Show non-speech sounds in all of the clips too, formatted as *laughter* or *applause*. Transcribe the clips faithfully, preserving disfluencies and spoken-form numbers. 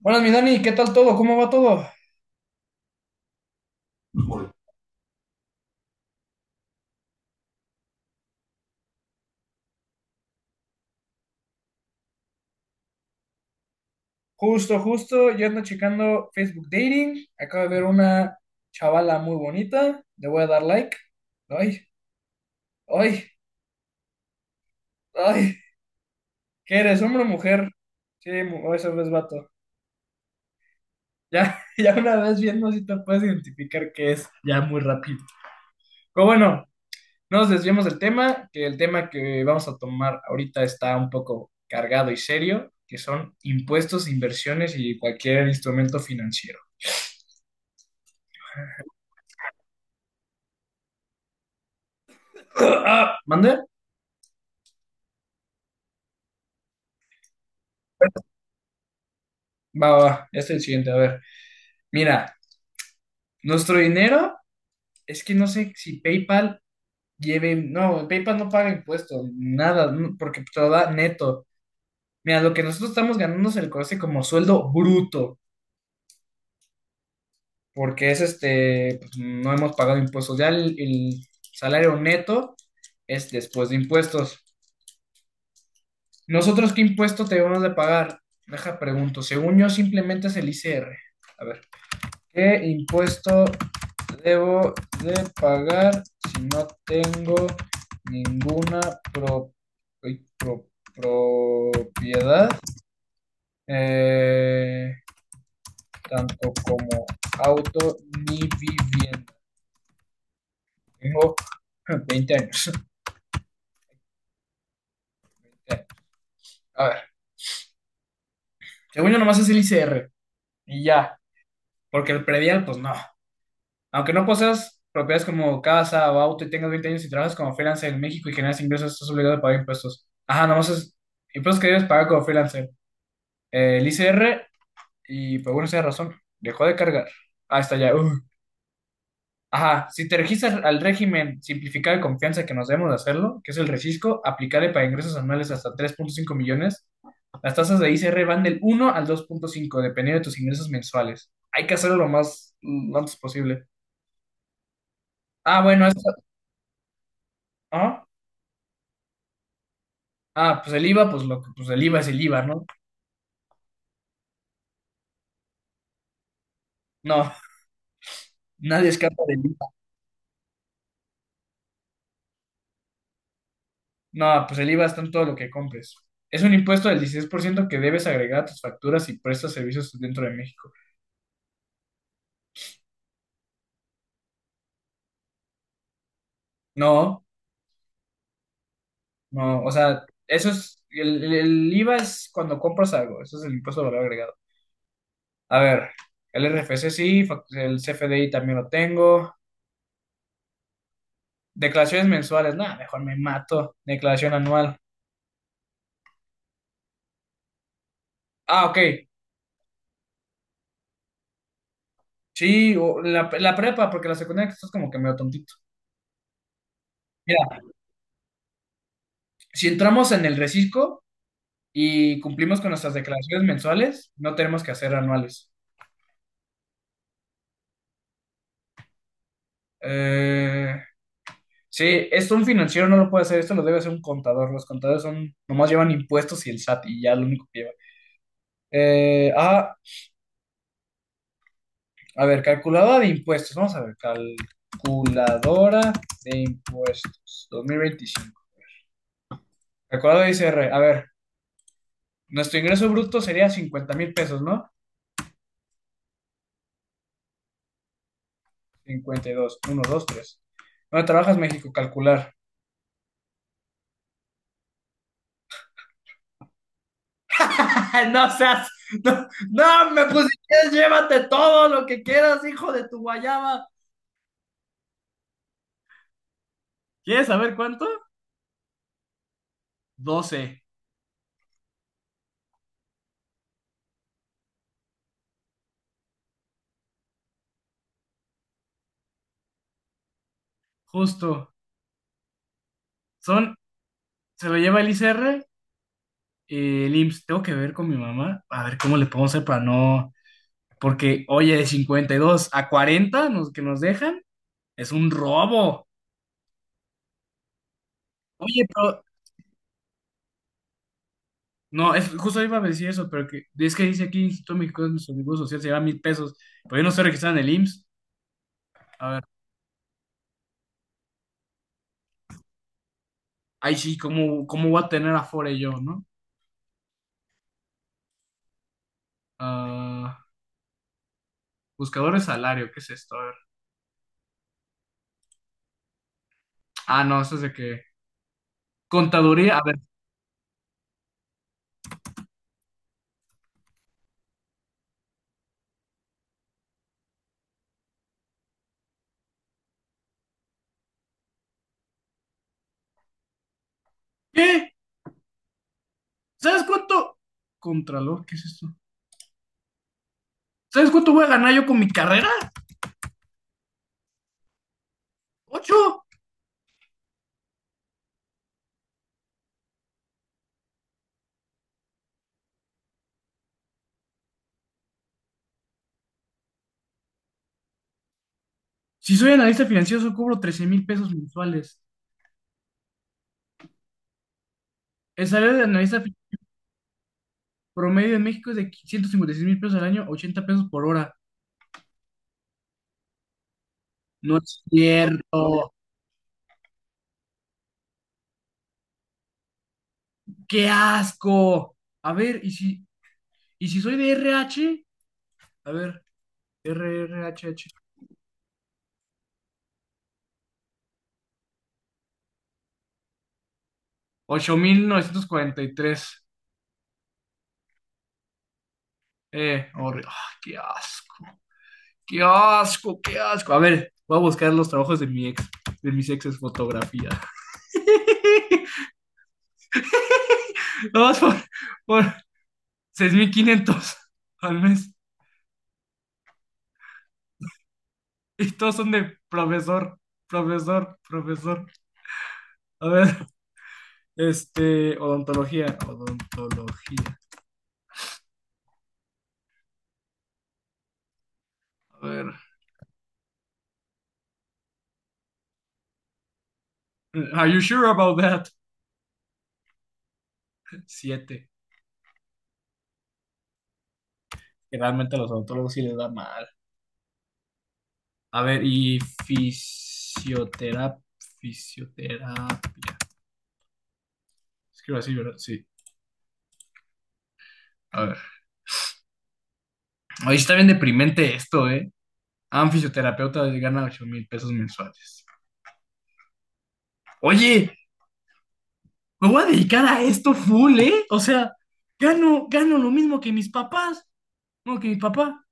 Buenas, mi Dani, ¿qué tal todo? ¿Cómo va todo? Justo, justo, yo ando checando Facebook Dating. Acabo de ver una chavala muy bonita. Le voy a dar like. Ay, ay, ay. ¿Qué eres, hombre o mujer? Sí, mu- oh, eso es vato. Ya, *laughs* ya una vez viendo si te puedes identificar qué es, ya muy rápido. Pero bueno, no nos desviemos del tema, que el tema que vamos a tomar ahorita está un poco cargado y serio, que son impuestos, inversiones y cualquier instrumento financiero. *clears throat* Ah, ¿mande? Va, va, va. Ya está el siguiente. A ver, mira, nuestro dinero es que no sé si PayPal lleve, no, PayPal no paga impuestos, nada, no, porque te lo da neto. Mira, lo que nosotros estamos ganando se le conoce como sueldo bruto, porque es este, pues, no hemos pagado impuestos. Ya el, el salario neto es después de impuestos. ¿Nosotros qué impuesto debemos de pagar? Deja pregunto, según yo simplemente es el I C R. A ver. ¿Qué impuesto debo de pagar si no tengo ninguna pro- pro- propiedad, eh, tanto como auto ni vivienda? Tengo *laughs* veinte años. A ver, según yo nomás es el I C R y ya, porque el predial, pues no. Aunque no poseas propiedades como casa o auto y tengas veinte años y trabajas como freelancer en México y generas ingresos, estás obligado a pagar impuestos. Ajá, nomás es impuestos que debes pagar como freelancer. Eh, el I C R y por alguna sea razón, dejó de cargar. Ah, está ya. uh. Ajá, si te registras al régimen simplificado de confianza que nos debemos de hacerlo, que es el recisco, aplicable para ingresos anuales hasta tres punto cinco millones, las tasas de I C R van del uno al dos punto cinco dependiendo de tus ingresos mensuales. Hay que hacerlo lo más, lo antes posible. Ah, bueno, esto, ¿ah? Ah, pues el IVA, pues lo que, pues el IVA es el IVA, ¿no? No, nadie escapa del IVA. No, pues el IVA está en todo lo que compres. Es un impuesto del dieciséis por ciento que debes agregar a tus facturas y prestas servicios dentro de México. No, no, o sea, eso es, el, el- el IVA es cuando compras algo, eso es el impuesto de valor agregado. A ver, el R F C sí, fac- el C F D I también lo tengo. Declaraciones mensuales, nada, mejor me mato. Declaración anual. Ah, ok, sí, o la, la prepa, porque la secundaria estás como que medio tontito. Si entramos en el recisco y cumplimos con nuestras declaraciones mensuales, no tenemos que hacer anuales. Eh, sí, esto un financiero no lo puede hacer, esto lo debe hacer un contador. Los contadores son, nomás llevan impuestos y el SAT y ya lo único que lleva. Eh, ah, a ver, calculadora de impuestos. Vamos a ver, calculadora de impuestos dos mil veinticinco. Calculadora de I C R. A ver, nuestro ingreso bruto sería cincuenta mil pesos, ¿no? cincuenta y dos, uno, dos, tres. ¿Dónde trabajas, México? Calcular. *laughs* Ay, no seas, no, no me pusiste, llévate todo lo que quieras, hijo de tu guayaba. ¿Quieres saber cuánto? Doce justo. Son, se lo lleva el I C R, eh, el IMSS. Tengo que ver con mi mamá, a ver cómo le podemos hacer para no. Porque, oye, de cincuenta y dos a cuarenta nos, que nos dejan, es un robo. Oye, pero. No, es, justo iba a decir eso, pero que, es que dice aquí Instituto Mexicano de Seguro Social se lleva mil pesos, pero yo no estoy registrado en el IMSS. A ver. Ay, sí, ¿cómo, cómo voy a tener Afore yo, no? Ah, buscador de salario, ¿qué es esto? A ver. Ah, no, eso es de que. Contaduría, a ver. ¿Qué? ¿Sabes cuánto? Contralor, ¿qué es esto? ¿Sabes cuánto voy a ganar yo con mi carrera? ¡Ocho! Si soy analista financiero, solo cobro trece mil pesos mensuales. El salario de analista fi- promedio en México es de ciento cincuenta y seis mil pesos al año, ochenta pesos por hora. No es cierto. ¡Qué asco! A ver, ¿y si, y si soy de R H? A ver, R R H H. Ocho mil novecientos cuarenta y tres. Eh, horri- ah, qué asco, qué asco, qué asco. A ver, voy a buscar los trabajos de mi ex, de mis exes fotografía. *laughs* Vamos por, por seis mil quinientos al mes. Y todos son de profesor, profesor, profesor. A ver, este, odontología, odontología. A ver, are you sure about that? Siete. Que realmente a los odontólogos sí les da mal. A ver, y fisioterapia. Fisioterapia. Escribo así, ¿verdad? Sí. A ver. Oye, está bien deprimente esto, ¿eh? A un fisioterapeuta gana ocho mil pesos mensuales. Oye, me voy a dedicar a esto full, ¿eh? O sea, gano, gano lo mismo que mis papás. No, que mi papá.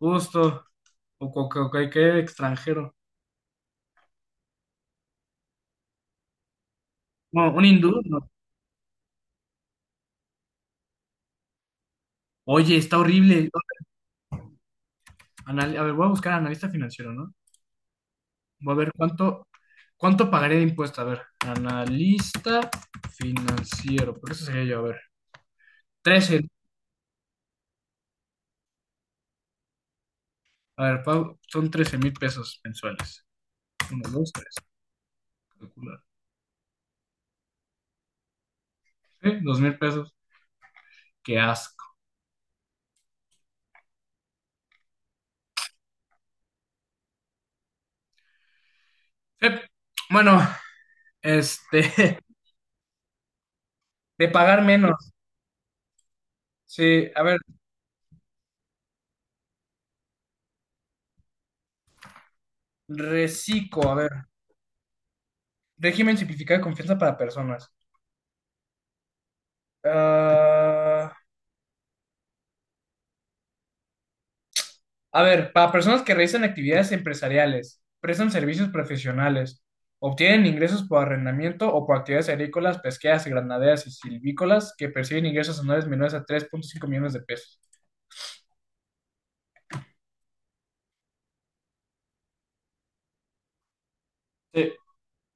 Justo. O co- co- cualquier extranjero. No, un hindú, no. Oye, está horrible. Anal- a ver, voy a buscar analista financiero, ¿no? Voy a ver cuánto, cuánto pagaré de impuesto. A ver, analista financiero. Por eso sería yo. A ver, trece. A ver, pago- son trece mil pesos mensuales. Uno, dos, tres. Calcular. Sí, dos mil pesos. Qué asco. Sí. Bueno, este, *laughs* de pagar menos. Sí, a ver, reciclo. A ver, régimen simplificado de confianza para personas. Ah, a ver, para personas que realizan actividades empresariales, prestan servicios profesionales, obtienen ingresos por arrendamiento o por actividades agrícolas, pesqueras, granaderas y silvícolas que perciben ingresos anuales menores a tres punto cinco millones de pesos. Sí.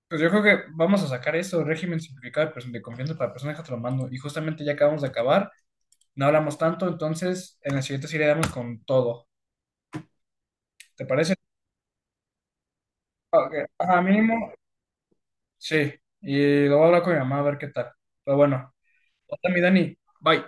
Pues yo creo que vamos a sacar eso, régimen simplificado de person- de confianza para personas que te lo mando. Y justamente ya acabamos de acabar, no hablamos tanto, entonces en la siguiente sí le damos con todo. ¿Te parece? Ok, ajá, mínimo, sí. Y lo voy a hablar con mi mamá a ver qué tal. Pero bueno, hasta mi Dani, bye.